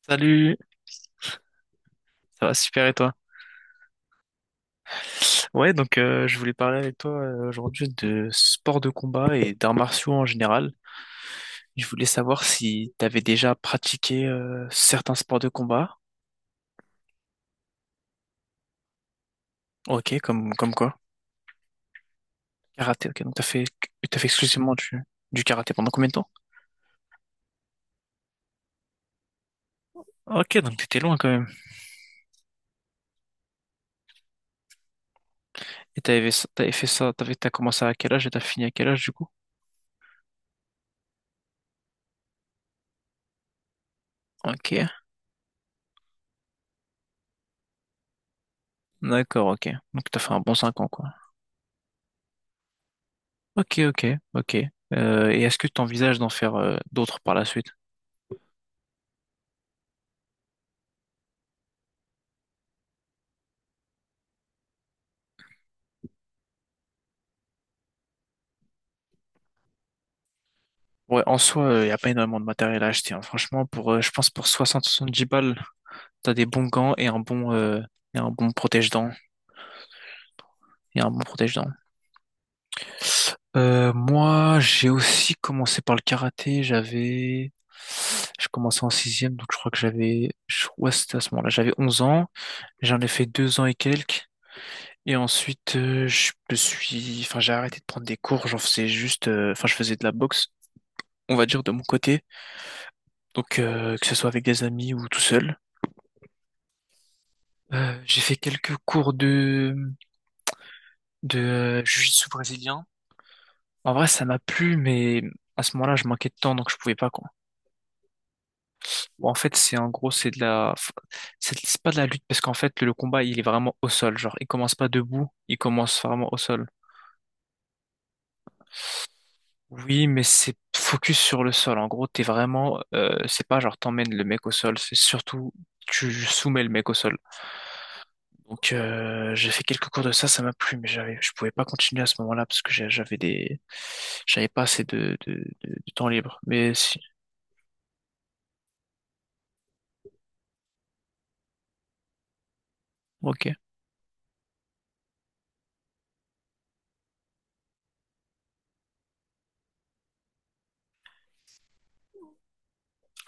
Salut, ça va super et toi? Ouais, donc je voulais parler avec toi aujourd'hui de sport de combat et d'arts martiaux en général. Je voulais savoir si t'avais déjà pratiqué certains sports de combat. Ok, comme quoi? Karaté, ok, donc t'as fait exclusivement du karaté pendant combien de temps? Ok, donc t'étais loin quand même. Et t'avais fait ça, t'as commencé à quel âge et t'as fini à quel âge du coup? Ok, d'accord, ok. Donc t'as fait un bon 5 ans quoi. Ok, ok, ok. Et est-ce que tu envisages d'en faire d'autres par la suite? Ouais, en soi, il n'y a pas énormément de matériel à acheter, hein. Franchement, pour, je pense pour 60-70 balles, t'as des bons gants et un bon protège-dents. Et un bon protège Moi, j'ai aussi commencé par le karaté. Je commençais en sixième, donc je crois que ouais, c'était à ce moment-là, j'avais 11 ans. J'en ai fait 2 ans et quelques. Et ensuite, enfin, j'ai arrêté de prendre des cours. J'en faisais enfin, je faisais de la boxe, on va dire de mon côté. Donc, que ce soit avec des amis ou tout seul. J'ai fait quelques cours de jiu-jitsu brésilien. En vrai, ça m'a plu, mais à ce moment-là, je manquais de temps, donc je pouvais pas. Bon, en fait, c'est en gros, c'est pas de la lutte parce qu'en fait, le combat, il est vraiment au sol. Genre, il commence pas debout, il commence vraiment au sol. Oui, mais c'est focus sur le sol. En gros, t'es c'est pas genre t'emmènes le mec au sol, c'est surtout tu soumets le mec au sol. Donc, j'ai fait quelques cours de ça, ça m'a plu, mais je pouvais pas continuer à ce moment-là parce que j'avais pas assez de, temps libre. Mais si, ok.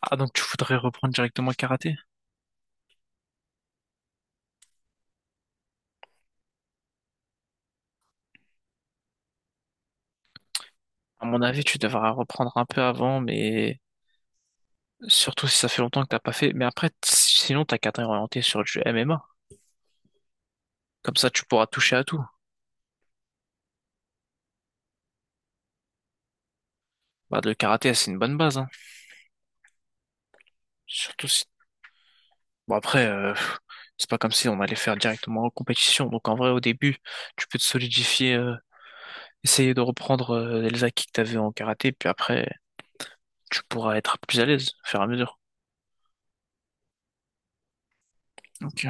Ah, donc tu voudrais reprendre directement le karaté? À mon avis, tu devras reprendre un peu avant, mais surtout si ça fait longtemps que t'as pas fait. Mais après, sinon, t'as qu'à t'orienter sur du MMA. Comme ça, tu pourras toucher à tout. Bah, le karaté, c'est une bonne base, hein. Surtout si. Bon, après, c'est pas comme si on allait faire directement en compétition. Donc, en vrai, au début, tu peux te solidifier, essayer de reprendre les acquis que t'avais en karaté. Puis après, tu pourras être plus à l'aise, au fur et à mesure. Ok.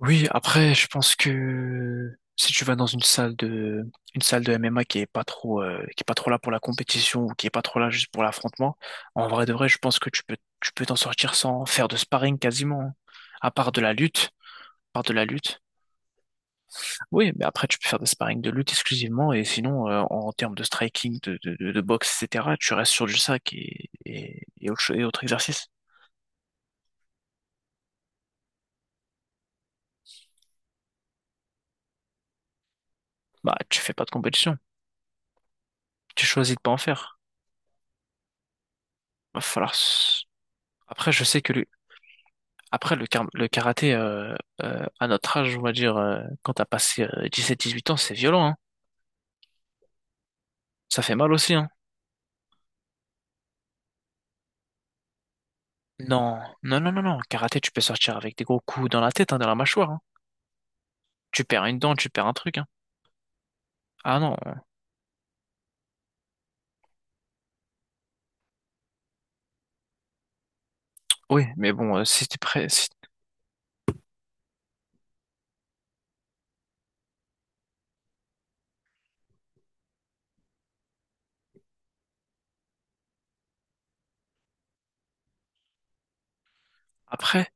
Oui, après, je pense que si tu vas dans une salle de MMA qui est pas trop, qui est pas trop là pour la compétition ou qui est pas trop là juste pour l'affrontement, en vrai de vrai, je pense que tu peux t'en sortir sans faire de sparring quasiment, hein. à part de la lutte, à part de la lutte. Oui, mais après, tu peux faire des sparring de lutte exclusivement et sinon, en termes de striking, de boxe, etc., tu restes sur du sac et, et autre exercice. Bah, tu fais pas de compétition. Tu choisis de pas en faire. Va falloir. Après, je sais que le karaté, à notre âge, on va dire, quand t'as passé 17-18 ans, c'est violent, hein. Ça fait mal aussi, hein. Non, non, non, non, non. Karaté, tu peux sortir avec des gros coups dans la tête, hein, dans la mâchoire, hein. Tu perds une dent, tu perds un truc, hein. Ah non, oui, mais bon, si t'es prêt. Après,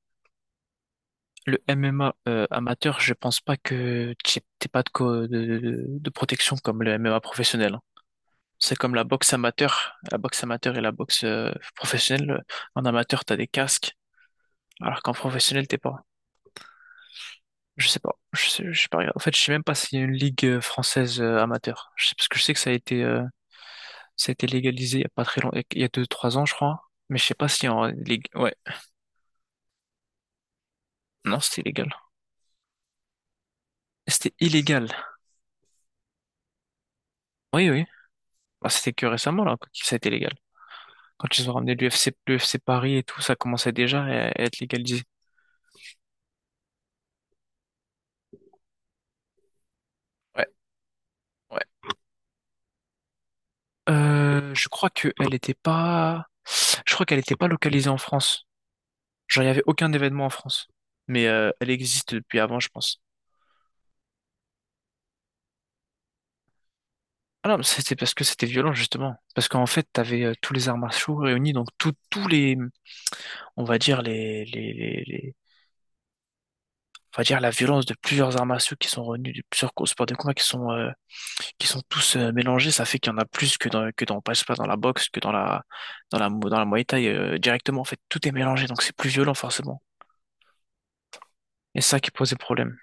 le MMA amateur, je pense pas que t'aies pas de, de protection comme le MMA professionnel, hein. C'est comme la boxe amateur, et la boxe professionnelle. En amateur, t'as des casques, alors qu'en professionnel, t'es pas. Je sais pas. Je sais pas. En fait, je sais même pas s'il y a une ligue française amateur. Je sais, parce que je sais que ça a été légalisé il y a pas très longtemps, il y a 2-3 ans, je crois. Mais je sais pas s'il y a en ligue. Ouais. Non, c'était illégal. C'était illégal. Oui, oui. Bah, c'était que récemment là que ça a été légal. Quand ils ont ramené l'UFC, l'UFC Paris et tout, ça commençait déjà à être légalisé. Ouais, ouais. Je crois que elle était pas. Je crois qu'elle était pas localisée en France. Genre, il y avait aucun événement en France. Mais elle existe depuis avant, je pense. Ah non, mais c'était parce que c'était violent justement. Parce qu'en fait, t'avais tous les arts martiaux réunis, donc tous les, on va dire on va dire la violence de plusieurs arts martiaux qui sont réunis, de plusieurs sports de combat qui sont tous mélangés. Ça fait qu'il y en a plus que dans, je sais pas, dans la boxe, que dans la, dans la Muay Thai directement. En fait, tout est mélangé, donc c'est plus violent forcément. Et c'est ça qui posait problème.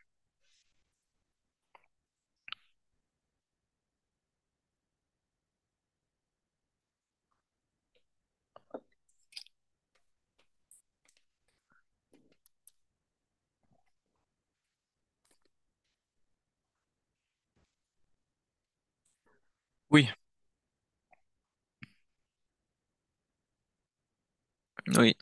Oui, oui.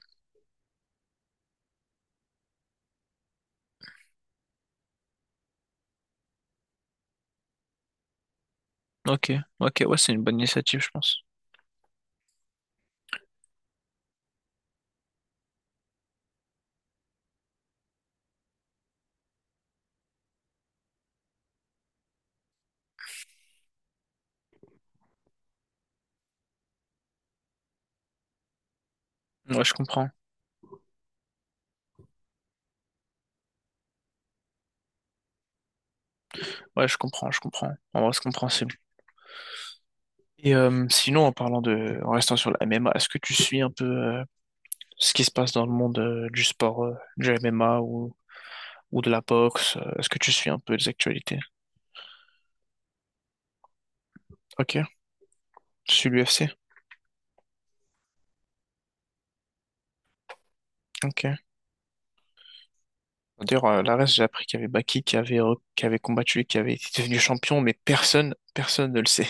Ok, ok, ouais, c'est une bonne initiative, je pense. Ouais, je comprends. Ouais, je comprends, je comprends. En vrai, je comprends. Et sinon, en restant sur la MMA, est-ce que tu suis un peu ce qui se passe dans le monde du sport, du MMA ou, de la boxe? Est-ce que tu suis un peu les actualités? Ok, je suis l'UFC. Ok. D'ailleurs, là, reste, j'ai appris qu'il y avait Baki qui avait combattu et qui avait été devenu champion, mais personne, personne ne le sait.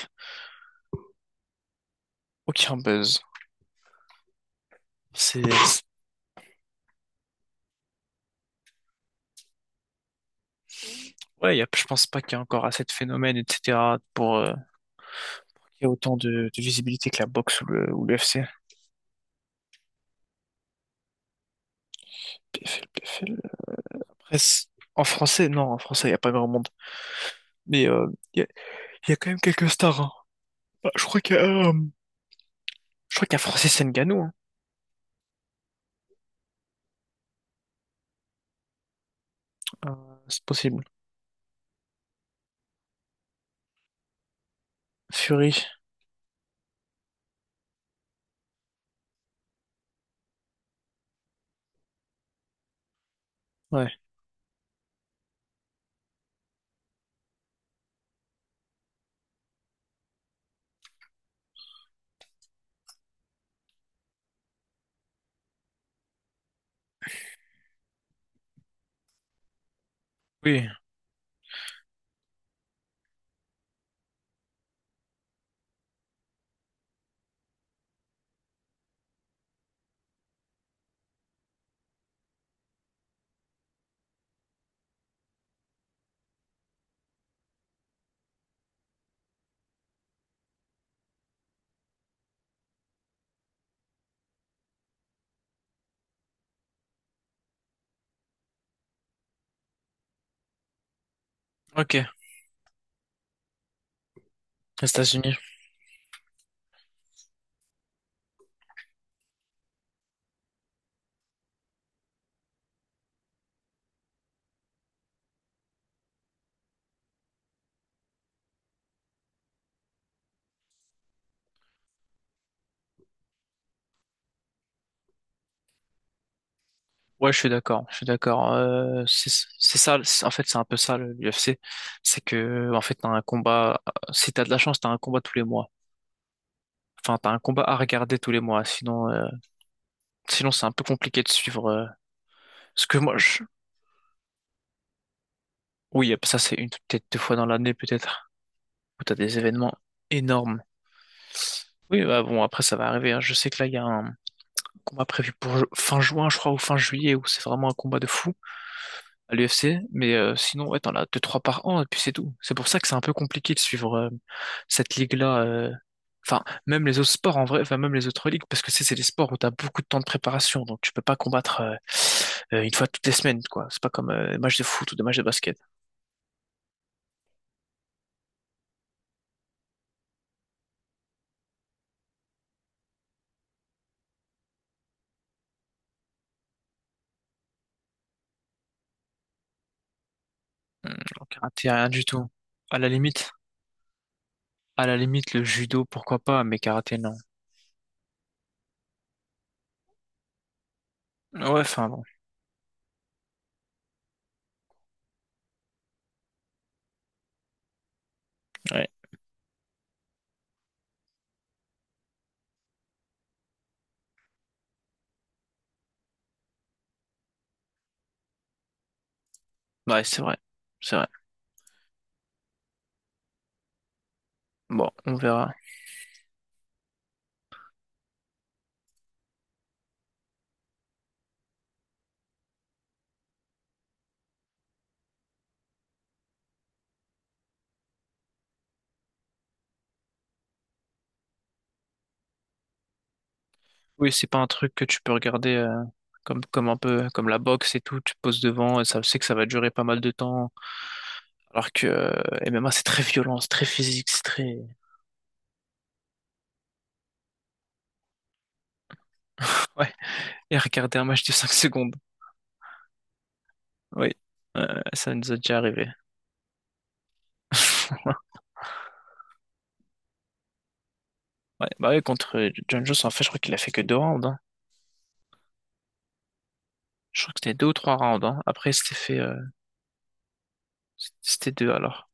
Aucun buzz. C'est, c'est- ouais, je pense pas qu'il y a encore assez de phénomènes, etc. pour qu'il y ait autant de visibilité que la boxe ou ou l'UFC. PFL, après, en français, non, en français, il n'y a pas grand monde. Mais il y a, y a quand même quelques stars, hein. Bah, je crois qu'il y a Francis Ngannou, hein. Euh, c'est possible. Fury, ouais. Oui, ok. Les États-Unis. Ouais, je suis d'accord. Je suis d'accord. C'est ça. En fait, c'est un peu ça l'UFC. C'est que, en fait, t'as un combat. Si t'as de la chance, t'as un combat tous les mois. Enfin, t'as un combat à regarder tous les mois. Sinon, c'est un peu compliqué de suivre. Ce que moi, je. Oui, ça c'est une peut-être deux fois dans l'année, peut-être, où t'as des événements énormes. Oui, bah bon, après ça va arriver, hein. Je sais que là, il y a un combat prévu pour fin juin, je crois, ou fin juillet, où c'est vraiment un combat de fou à l'UFC. Mais sinon, ouais, t'en as 2-3 par an, et puis c'est tout. C'est pour ça que c'est un peu compliqué de suivre cette ligue-là. Enfin, même les autres sports en vrai, enfin même les autres ligues, parce que c'est des sports où t'as beaucoup de temps de préparation, donc tu peux pas combattre une fois toutes les semaines, quoi. C'est pas comme des matchs de foot ou des matchs de basket. Hmm. Karaté, rien du tout. À la limite, à la limite, le judo, pourquoi pas, mais karaté, non. Ouais, enfin bon. Ouais, ouais, c'est vrai. C'est vrai. Bon, on verra. Oui, c'est pas un truc que tu peux regarder comme un peu comme la boxe et tout, tu te poses devant et ça, c'est que ça va durer pas mal de temps. Alors que MMA, c'est très violent, c'est très physique, c'est très. Ouais, et regarder un match de 5 secondes. Oui, ça nous est déjà arrivé. Ouais, bah ouais, contre John Jones, en fait, je crois qu'il a fait que 2 rounds, hein. Je crois que c'était 2 ou 3 rounds, hein. Après, il s'était fait. C'était deux alors.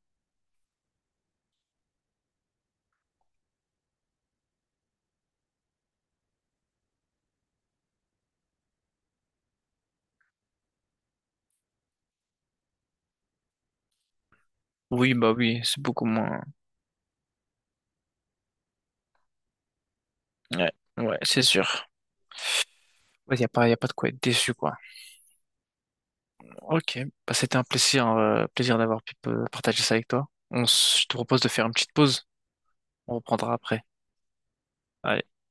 Oui, bah oui, c'est beaucoup moins. Ouais, ouais, c'est sûr. Il n'y a pas, y a pas de quoi être déçu, quoi. Ok, bah c'était un plaisir, d'avoir pu partager ça avec toi. Je te propose de faire une petite pause. On reprendra après. Allez.